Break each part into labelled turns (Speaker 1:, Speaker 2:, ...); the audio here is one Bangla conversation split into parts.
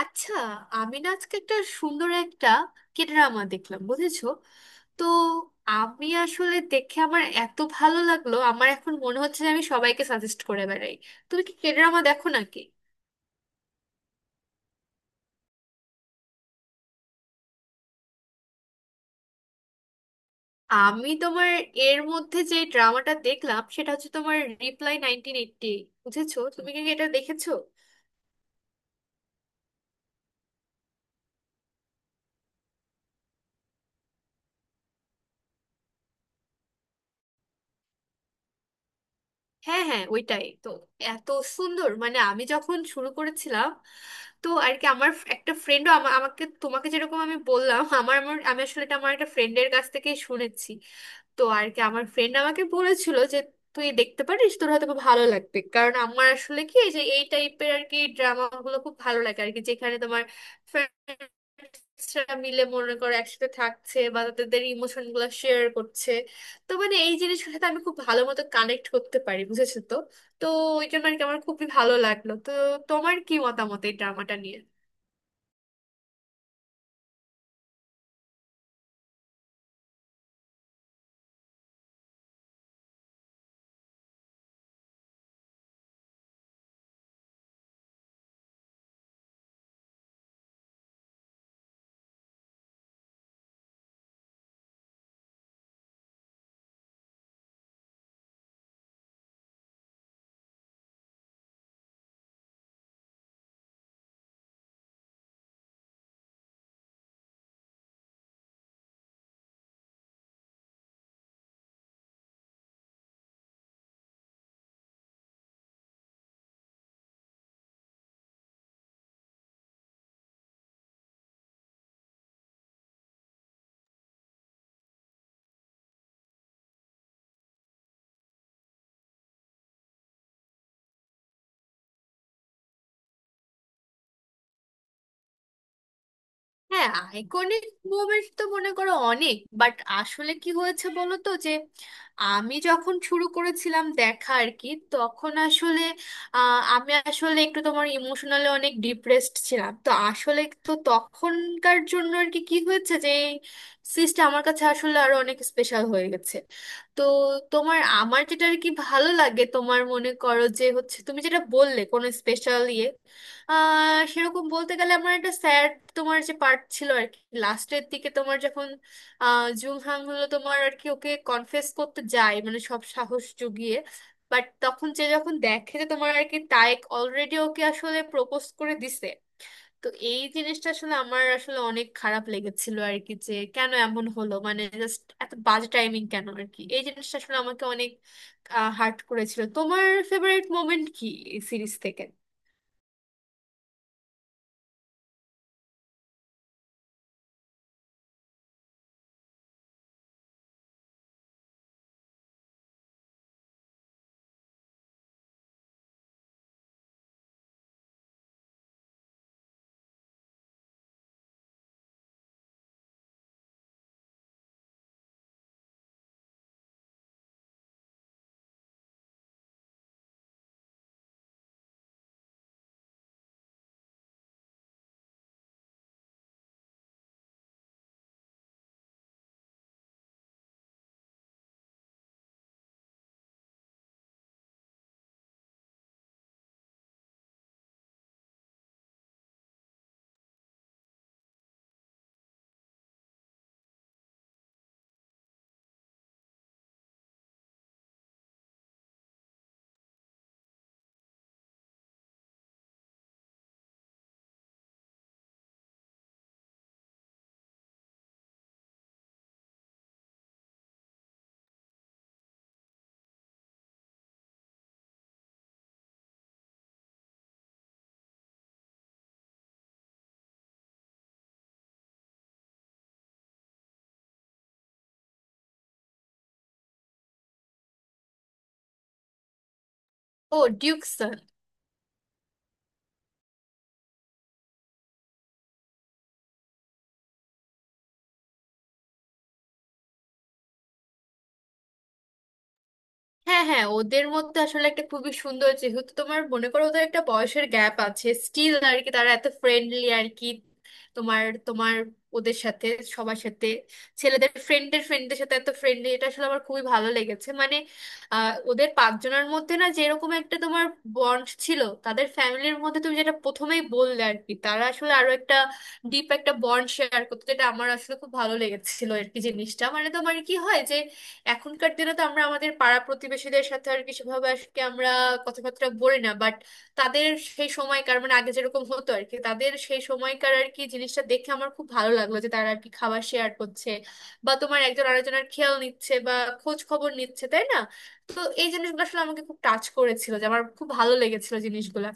Speaker 1: আচ্ছা, আমি না আজকে একটা সুন্দর একটা কে ড্রামা দেখলাম, বুঝেছো? তো আমি আসলে দেখে আমার এত ভালো লাগলো, আমার এখন মনে হচ্ছে যে আমি সবাইকে সাজেস্ট করে বেড়াই। তুমি কি কে ড্রামা দেখো নাকি? আমি তোমার এর মধ্যে যে ড্রামাটা দেখলাম সেটা হচ্ছে তোমার রিপ্লাই 1988, বুঝেছো? তুমি কি এটা দেখেছো? হ্যাঁ, হ্যাঁ, ওইটাই তো এত সুন্দর। মানে আমি যখন শুরু করেছিলাম, তো আর কি আমার একটা ফ্রেন্ডও আমাকে তোমাকে যেরকম আমি বললাম, আমার আমার আমি আসলে এটা আমার একটা ফ্রেন্ডের কাছ থেকে শুনেছি। তো আর কি আমার ফ্রেন্ড আমাকে বলেছিল যে তুই দেখতে পারিস, তোর হয়তো খুব ভালো লাগবে, কারণ আমার আসলে কি এই যে এই টাইপের আর কি ড্রামা গুলো খুব ভালো লাগে আর কি, যেখানে তোমার friends-রা মিলে মনে করো একসাথে থাকছে বা তাদের ইমোশন গুলো শেয়ার করছে। তো মানে এই জিনিসগুলোর সাথে আমি খুব ভালো মতো কানেক্ট করতে পারি, বুঝেছো? তো তো ওই জন্য আর কি আমার খুবই ভালো লাগলো। তো তোমার কি মতামত এই ড্রামাটা নিয়ে? হ্যাঁ, আইকনিক মোমেন্ট তো মনে করো অনেক, বাট আসলে কি হয়েছে বলো তো যে আমি যখন শুরু করেছিলাম দেখা আর কি, তখন আসলে আমি আসলে একটু তোমার ইমোশনালি অনেক ডিপ্রেসড ছিলাম। তো আসলে তো তখনকার জন্য আর কি কি হয়েছে যে এই সিরিজটা আমার কাছে আসলে আরো অনেক স্পেশাল হয়ে গেছে। তো তোমার আমার যেটা আর কি ভালো লাগে, তোমার মনে করো যে হচ্ছে তুমি যেটা বললে কোনো স্পেশাল ইয়ে, আহ সেরকম বলতে গেলে আমার একটা স্যাড তোমার যে পার্ট ছিল আর কি লাস্টের দিকে, তোমার যখন আহ জুলহাং হলো তোমার আর কি ওকে কনফেস করতে যায়, মানে সব সাহস জুগিয়ে, বাট তখন যে যখন দেখে যে তোমার আর কি তায়েক অলরেডি ওকে আসলে প্রপোজ করে দিছে। তো এই জিনিসটা আসলে আমার আসলে অনেক খারাপ লেগেছিল আর কি, যে কেন এমন হলো, মানে জাস্ট এত বাজে টাইমিং কেন আর কি। এই জিনিসটা আসলে আমাকে অনেক হার্ট করেছিল। তোমার ফেভারিট মোমেন্ট কি এই সিরিজ থেকে? ও ডিউকসন। হ্যাঁ, হ্যাঁ, ওদের মধ্যে আসলে একটা খুবই সুন্দর, যেহেতু তোমার মনে করো ওদের একটা বয়সের গ্যাপ আছে, স্টিল আর কি তারা এত ফ্রেন্ডলি আর কি, তোমার তোমার ওদের সাথে সবার সাথে ছেলেদের ফ্রেন্ডের ফ্রেন্ডদের সাথে এত ফ্রেন্ডলি, এটা আসলে আমার খুবই ভালো লেগেছে। মানে আহ ওদের পাঁচজনের মধ্যে না যেরকম একটা তোমার বন্ড ছিল, তাদের ফ্যামিলির মধ্যে তুমি যেটা প্রথমেই বললে আর কি, তারা আসলে আরো একটা ডিপ একটা বন্ড শেয়ার করতো, যেটা আমার আসলে খুব ভালো লেগেছিল আর কি জিনিসটা। মানে তোমার কি হয়, এখনকার দিনে তো আমরা আমাদের পাড়া প্রতিবেশীদের সাথে আর কি সেভাবে আজকে আমরা কথাবার্তা বলি না, বাট তাদের সেই সময়কার মানে আগে যেরকম হতো আর কি, তাদের সেই সময়কার আর কি জিনিসটা দেখে আমার খুব ভালো লাগলো, যে তারা আর কি খাবার শেয়ার করছে বা তোমার একজন আরেকজনের খেয়াল নিচ্ছে বা খোঁজ খবর নিচ্ছে, তাই না? তো এই জিনিসগুলো আসলে আমাকে খুব টাচ করেছিল, যে আমার খুব ভালো লেগেছিল জিনিসগুলো।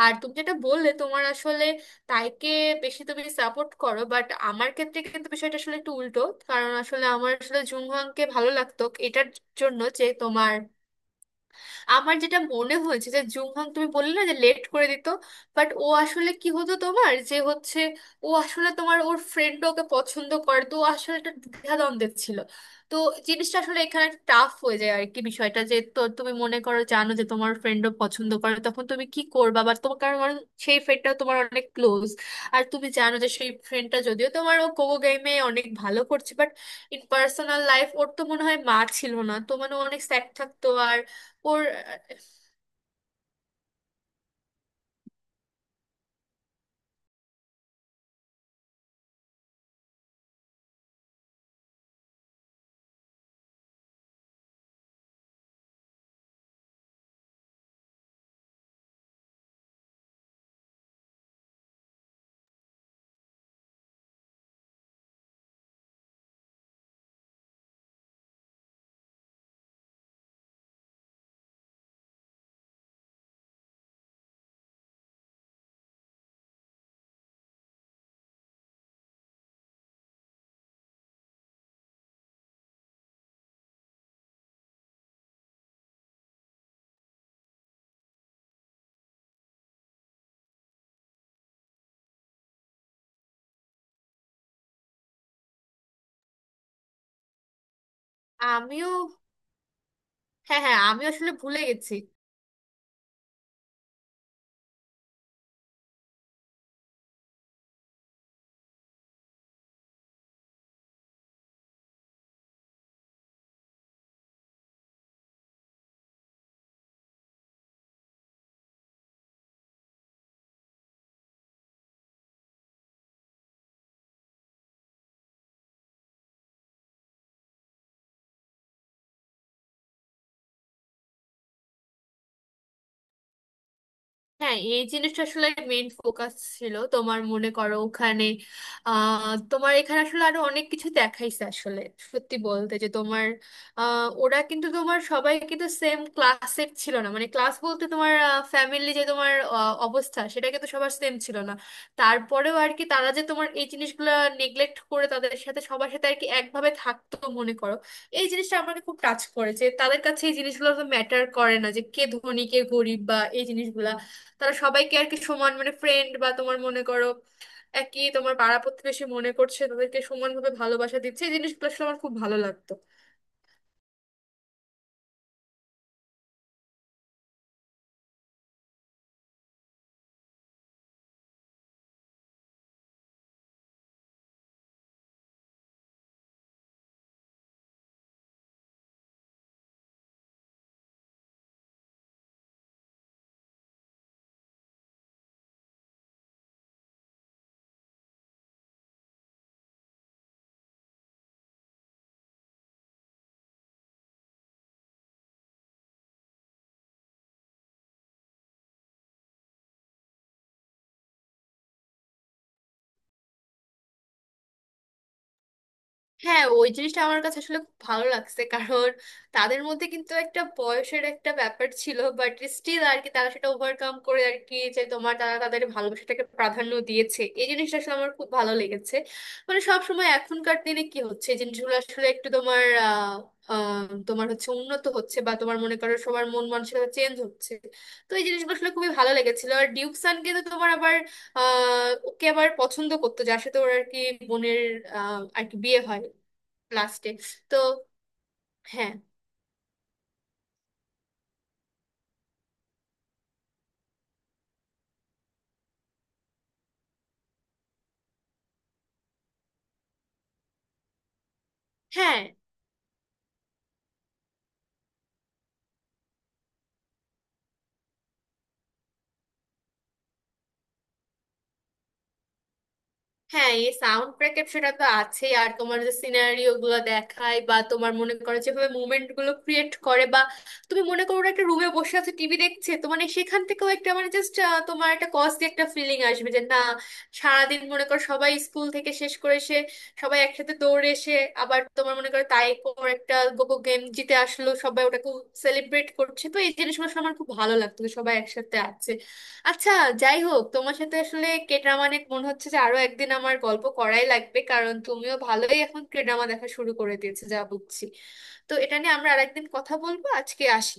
Speaker 1: আর তুমি যেটা বললে তোমার আসলে তাইকে বেশি তুমি সাপোর্ট করো, বাট আমার ক্ষেত্রে কিন্তু বিষয়টা আসলে একটু উল্টো, কারণ আসলে আমার আসলে জুংহাংকে ভালো লাগতো। এটার জন্য যে তোমার আমার যেটা মনে হয়েছে যে জুমহাং তুমি বললে না যে লেট করে দিত, বাট ও আসলে কি হতো তোমার যে হচ্ছে ও আসলে তোমার ওর ফ্রেন্ড ওকে পছন্দ করে, তো ও আসলে একটা দ্বিধাদ্বন্দ্বে ছিল। তো জিনিসটা আসলে এখানে টাফ হয়ে যায় আর কি বিষয়টা, যে তো তুমি মনে করো জানো যে তোমার ফ্রেন্ডও পছন্দ করে, তখন তুমি কি করবা বা তোমার কারণ কারণ সেই ফ্রেন্ডটা তোমার অনেক ক্লোজ। আর তুমি জানো যে সেই ফ্রেন্ডটা যদিও তোমার ও কোকো গেমে অনেক ভালো করছে, বাট ইন পার্সোনাল লাইফ ওর তো মনে হয় মা ছিল না, তো মানে ও অনেক স্যাড থাকতো। ওর আমিও। হ্যাঁ, হ্যাঁ, আমি আসলে ভুলে গেছি। হ্যাঁ, এই জিনিসটা আসলে মেইন ফোকাস ছিল তোমার মনে করো ওখানে। আহ তোমার এখানে আসলে আরো অনেক কিছু দেখাইছে আসলে। সত্যি বলতে যে তোমার ওরা কিন্তু তোমার সবাই কিন্তু সেম ক্লাসের ছিল না, মানে ক্লাস বলতে তোমার ফ্যামিলি যে তোমার অবস্থা সেটা কিন্তু সবার সেম ছিল না। তারপরেও আর কি তারা যে তোমার এই জিনিসগুলো নেগলেক্ট করে তাদের সাথে সবার সাথে আর কি একভাবে থাকতো মনে করো। এই জিনিসটা আমাকে খুব টাচ করেছে, তাদের কাছে এই জিনিসগুলো ম্যাটার করে না যে কে ধনী কে গরিব বা এই জিনিসগুলা। তারা সবাইকে আর কি সমান মানে ফ্রেন্ড বা তোমার মনে করো একই তোমার পাড়া প্রতিবেশী মনে করছে, তাদেরকে সমানভাবে ভালোবাসা দিচ্ছে। এই জিনিসগুলো আসলে আমার খুব ভালো লাগতো। হ্যাঁ, ওই জিনিসটা আমার কাছে আসলে খুব ভালো লাগছে, কারণ তাদের মধ্যে কিন্তু একটা বয়সের একটা ব্যাপার ছিল, বাট স্টিল আর কি তারা সেটা ওভারকাম করে আর কি, যে তোমার তারা তাদের ভালোবাসাটাকে প্রাধান্য দিয়েছে, এই জিনিসটা আসলে আমার খুব ভালো লেগেছে। মানে সব সময় এখনকার দিনে কি হচ্ছে এই জিনিসগুলো আসলে একটু তোমার আহ আহ, তোমার হচ্ছে উন্নত হচ্ছে বা তোমার মনে করো সবার মন মানসিকতা চেঞ্জ হচ্ছে। তো এই জিনিসগুলো আসলে খুবই ভালো লেগেছিল। আর ডিউক সান কিন্তু তোমার আবার আহ ওকে আবার পছন্দ করতো, যার সাথে ওর আর কি বোনের আর কি বিয়ে হয় লাস্টে। তো হ্যাঁ, হ্যাঁ। হ্যাঁ, এই সাউন্ড ব্যাকআপ সেটা তো আছেই, আর তোমার যে সিনারিও গুলো দেখায় বা তোমার মনে করো যেভাবে মুভমেন্ট গুলো ক্রিয়েট করে বা তুমি মনে করো একটা রুমে বসে আছো টিভি দেখছে, তো মানে সেখান থেকেও একটা মানে জাস্ট তোমার একটা কজি একটা ফিলিং আসবে, যে না সারাদিন মনে করো সবাই স্কুল থেকে শেষ করে এসে সবাই একসাথে দৌড়ে এসে, আবার তোমার মনে করো তাই পর একটা গোগো গেম জিতে আসলো সবাই, ওটাকে সেলিব্রেট করছে। তো এই জিনিসগুলো শুনে আমার খুব ভালো লাগতো যে সবাই একসাথে আছে। আচ্ছা, যাই হোক, তোমার সাথে আসলে কে ড্রামা নিয়ে মনে হচ্ছে যে আরো একদিন আমার গল্প করাই লাগবে, কারণ তুমিও ভালোই এখন কে ড্রামা দেখা শুরু করে দিয়েছো যা বুঝছি। তো এটা নিয়ে আমরা আরেকদিন কথা বলবো, আজকে আসি।